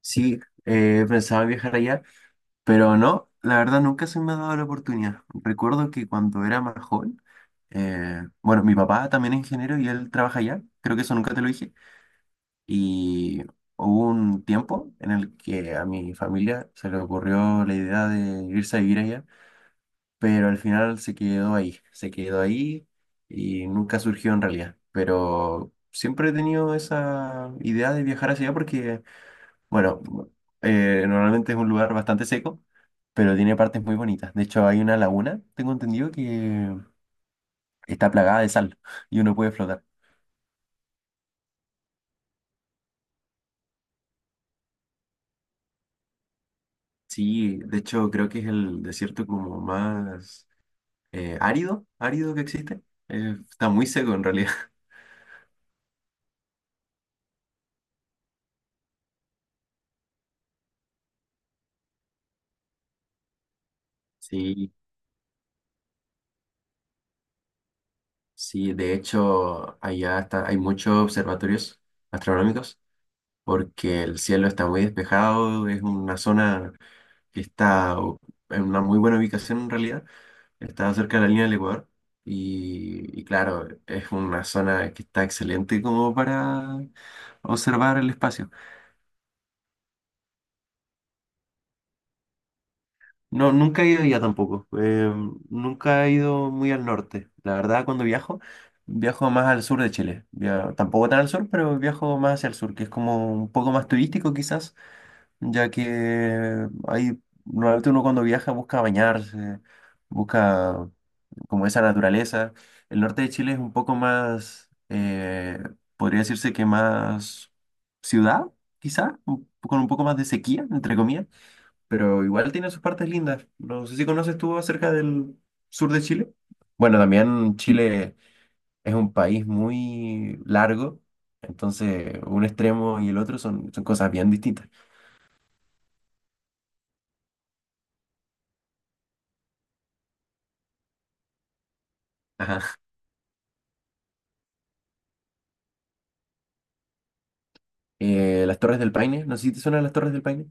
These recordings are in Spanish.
Sí, pensaba viajar allá, pero no, la verdad nunca se me ha dado la oportunidad. Recuerdo que cuando era más joven, bueno, mi papá también es ingeniero y él trabaja allá, creo que eso nunca te lo dije, y hubo un tiempo en el que a mi familia se le ocurrió la idea de irse a vivir allá, pero al final se quedó ahí, y nunca surgió en realidad, pero siempre he tenido esa idea de viajar hacia allá porque... Bueno, normalmente es un lugar bastante seco, pero tiene partes muy bonitas. De hecho, hay una laguna, tengo entendido, que está plagada de sal y uno puede flotar. Sí, de hecho creo que es el desierto como más árido, que existe. Está muy seco en realidad. Sí, sí, de hecho allá hay muchos observatorios astronómicos porque el cielo está muy despejado, es una zona que está en una muy buena ubicación en realidad. Está cerca de la línea del Ecuador y claro, es una zona que está excelente como para observar el espacio. No, nunca he ido allá tampoco. Nunca he ido muy al norte. La verdad, cuando viajo, viajo más al sur de Chile. Tampoco tan al sur, pero viajo más hacia el sur, que es como un poco más turístico quizás, ya que ahí normalmente uno cuando viaja busca bañarse, busca como esa naturaleza. El norte de Chile es un poco más, podría decirse que más ciudad, quizá, con un poco más de sequía, entre comillas, pero igual tiene sus partes lindas. No sé si conoces tú acerca del sur de Chile. Bueno, también Chile es un país muy largo, entonces un extremo y el otro son cosas bien distintas. Ajá. Las Torres del Paine, no sé si te suenan las Torres del Paine.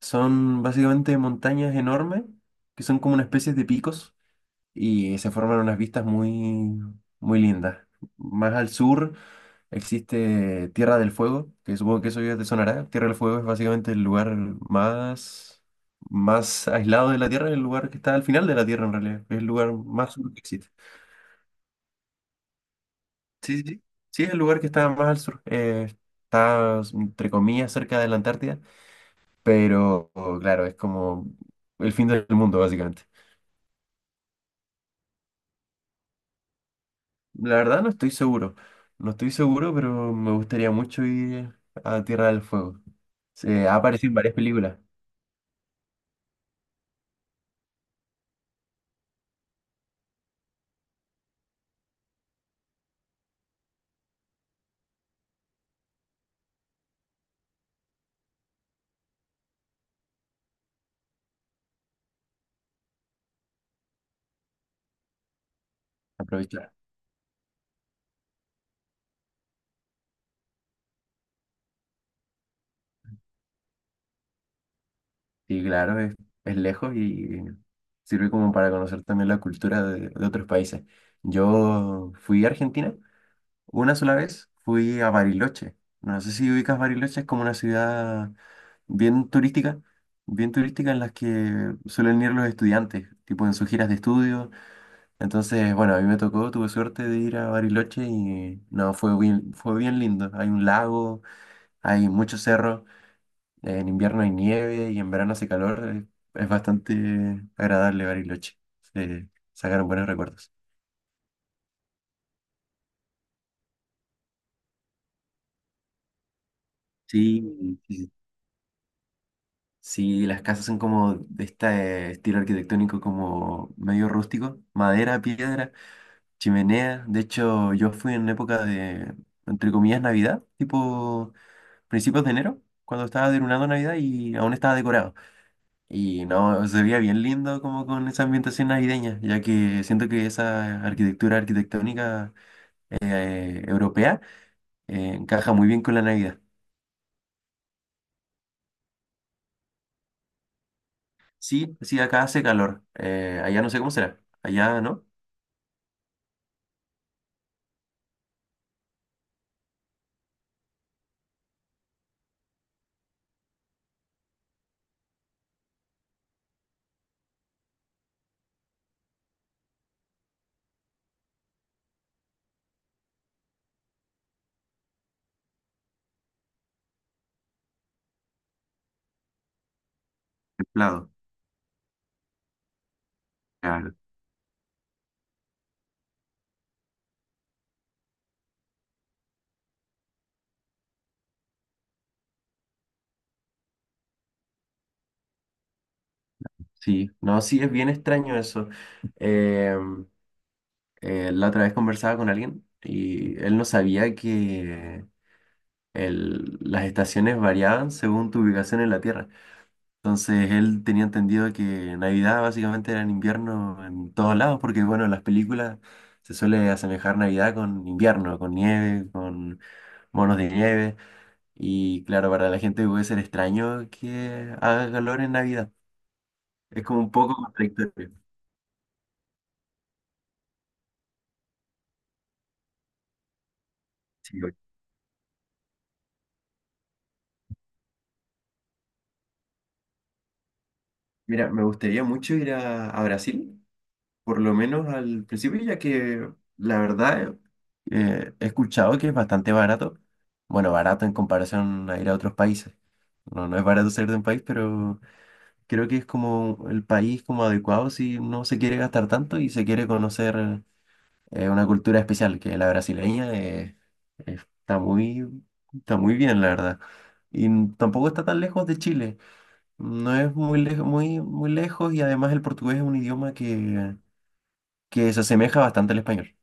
Son básicamente montañas enormes que son como una especie de picos y se forman unas vistas muy, muy lindas. Más al sur existe Tierra del Fuego, que supongo que eso ya te sonará. Tierra del Fuego es básicamente el lugar más, más aislado de la Tierra, el lugar que está al final de la Tierra en realidad. Es el lugar más sur que existe. Sí, sí, sí. Sí, es el lugar que está más al sur. Está, entre comillas, cerca de la Antártida, pero claro, es como el fin del mundo básicamente. La verdad no estoy seguro. No estoy seguro, pero me gustaría mucho ir a Tierra del Fuego. Se ha aparecido en varias películas. Aprovechar. Y claro, es lejos y sirve como para conocer también la cultura de otros países. Yo fui a Argentina una sola vez, fui a Bariloche. No sé si ubicas Bariloche, es como una ciudad bien turística, bien turística en las que suelen ir los estudiantes, tipo en sus giras de estudio. Entonces, bueno, a mí me tocó, tuve suerte de ir a Bariloche y no, fue bien lindo. Hay un lago, hay muchos cerros, en invierno hay nieve y en verano hace calor. Eh, es bastante agradable Bariloche. Se sacaron buenos recuerdos. Sí, sí, sí, las casas son como de este estilo arquitectónico como medio rústico, madera, piedra, chimenea. De hecho, yo fui en época de, entre comillas, Navidad, tipo principios de enero, cuando estaba terminando Navidad y aún estaba decorado. Y no, se veía bien lindo como con esa ambientación navideña, ya que siento que esa arquitectura arquitectónica europea encaja muy bien con la Navidad. Sí, sí, acá hace calor. Allá no sé cómo será. Allá, ¿no? Templado. Claro. Sí, no, sí, es bien extraño eso. Eh, la otra vez conversaba con alguien y él no sabía que las estaciones variaban según tu ubicación en la Tierra. Entonces él tenía entendido que Navidad básicamente era en invierno en todos lados, porque bueno, en las películas se suele asemejar Navidad con invierno, con nieve, con monos de nieve. Y claro, para la gente puede ser extraño que haga calor en Navidad. Es como un poco contradictorio. Sí, güey. Mira, me gustaría mucho ir a Brasil, por lo menos al principio, ya que la verdad he escuchado que es bastante barato. Bueno, barato en comparación a ir a otros países. No es barato ser de un país, pero creo que es como el país como adecuado si no se quiere gastar tanto y se quiere conocer una cultura especial, que la brasileña está muy, está muy bien, la verdad. Y tampoco está tan lejos de Chile. No es muy lejos, muy lejos y además el portugués es un idioma que se asemeja bastante al español.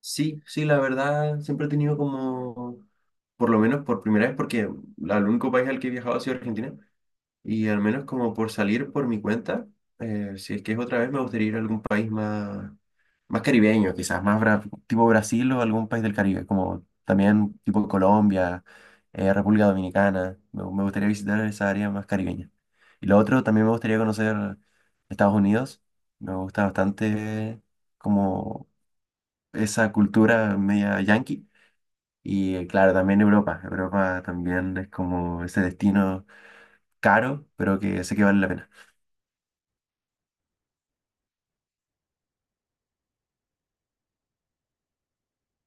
Sí, sí, la verdad, siempre he tenido como, por lo menos por primera vez, porque el único país al que he viajado ha sido Argentina, y al menos como por salir por mi cuenta, si es que es otra vez, me gustaría ir a algún país más, más caribeño, quizás tipo Brasil o algún país del Caribe, como también tipo Colombia, República Dominicana, me gustaría visitar esa área más caribeña. Y lo otro, también me gustaría conocer Estados Unidos, me gusta bastante como esa cultura media yankee. Y claro, también Europa. Europa también es como ese destino caro, pero que sé que vale la pena.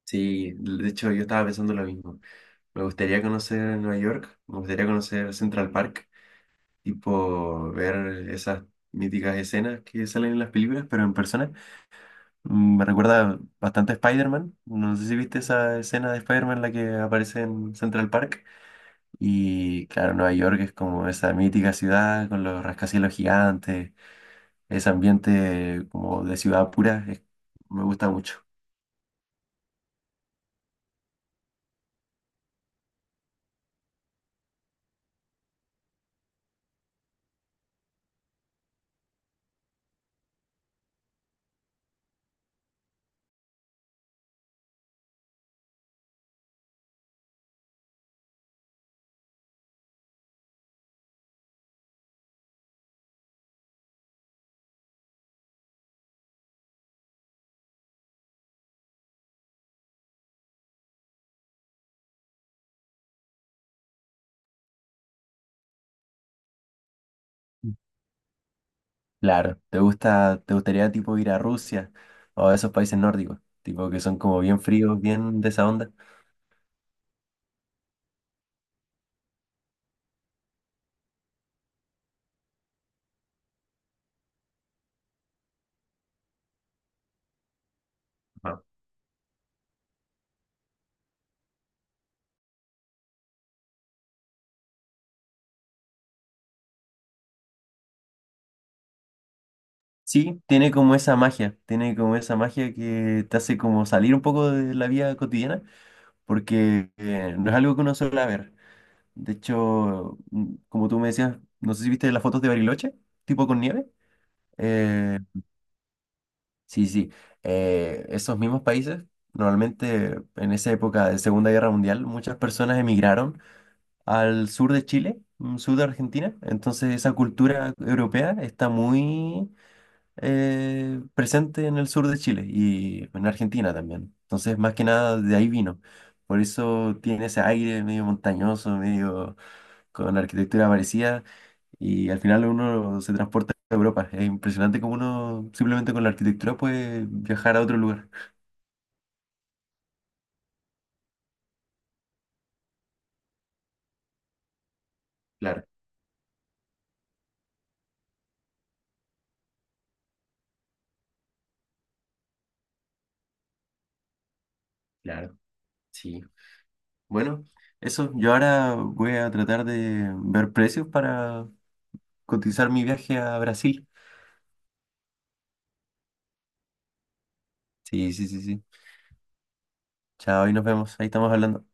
Sí, de hecho yo estaba pensando lo mismo. Me gustaría conocer Nueva York, me gustaría conocer Central Park, tipo ver esas míticas escenas que salen en las películas, pero en persona. Me recuerda bastante a Spider-Man. No sé si viste esa escena de Spider-Man en la que aparece en Central Park. Y claro, Nueva York es como esa mítica ciudad con los rascacielos gigantes, ese ambiente como de ciudad pura, me gusta mucho. Claro, ¿te gusta, te gustaría tipo ir a Rusia o a esos países nórdicos, tipo que son como bien fríos, bien de esa onda? Ajá. Sí, tiene como esa magia, tiene como esa magia que te hace como salir un poco de la vida cotidiana, porque no es algo que uno suele ver. De hecho, como tú me decías, no sé si viste las fotos de Bariloche, tipo con nieve. Eh, sí, sí. Esos mismos países, normalmente en esa época de Segunda Guerra Mundial, muchas personas emigraron al sur de Chile, sur de Argentina. Entonces esa cultura europea está muy presente en el sur de Chile y en Argentina también. Entonces, más que nada de ahí vino. Por eso tiene ese aire medio montañoso, medio con arquitectura parecida y al final uno se transporta a Europa. Es impresionante cómo uno simplemente con la arquitectura puede viajar a otro lugar. Claro, claro, sí. Bueno, eso, yo ahora voy a tratar de ver precios para cotizar mi viaje a Brasil. Sí, sí, sí, sí. Chao, ahí nos vemos, ahí estamos hablando.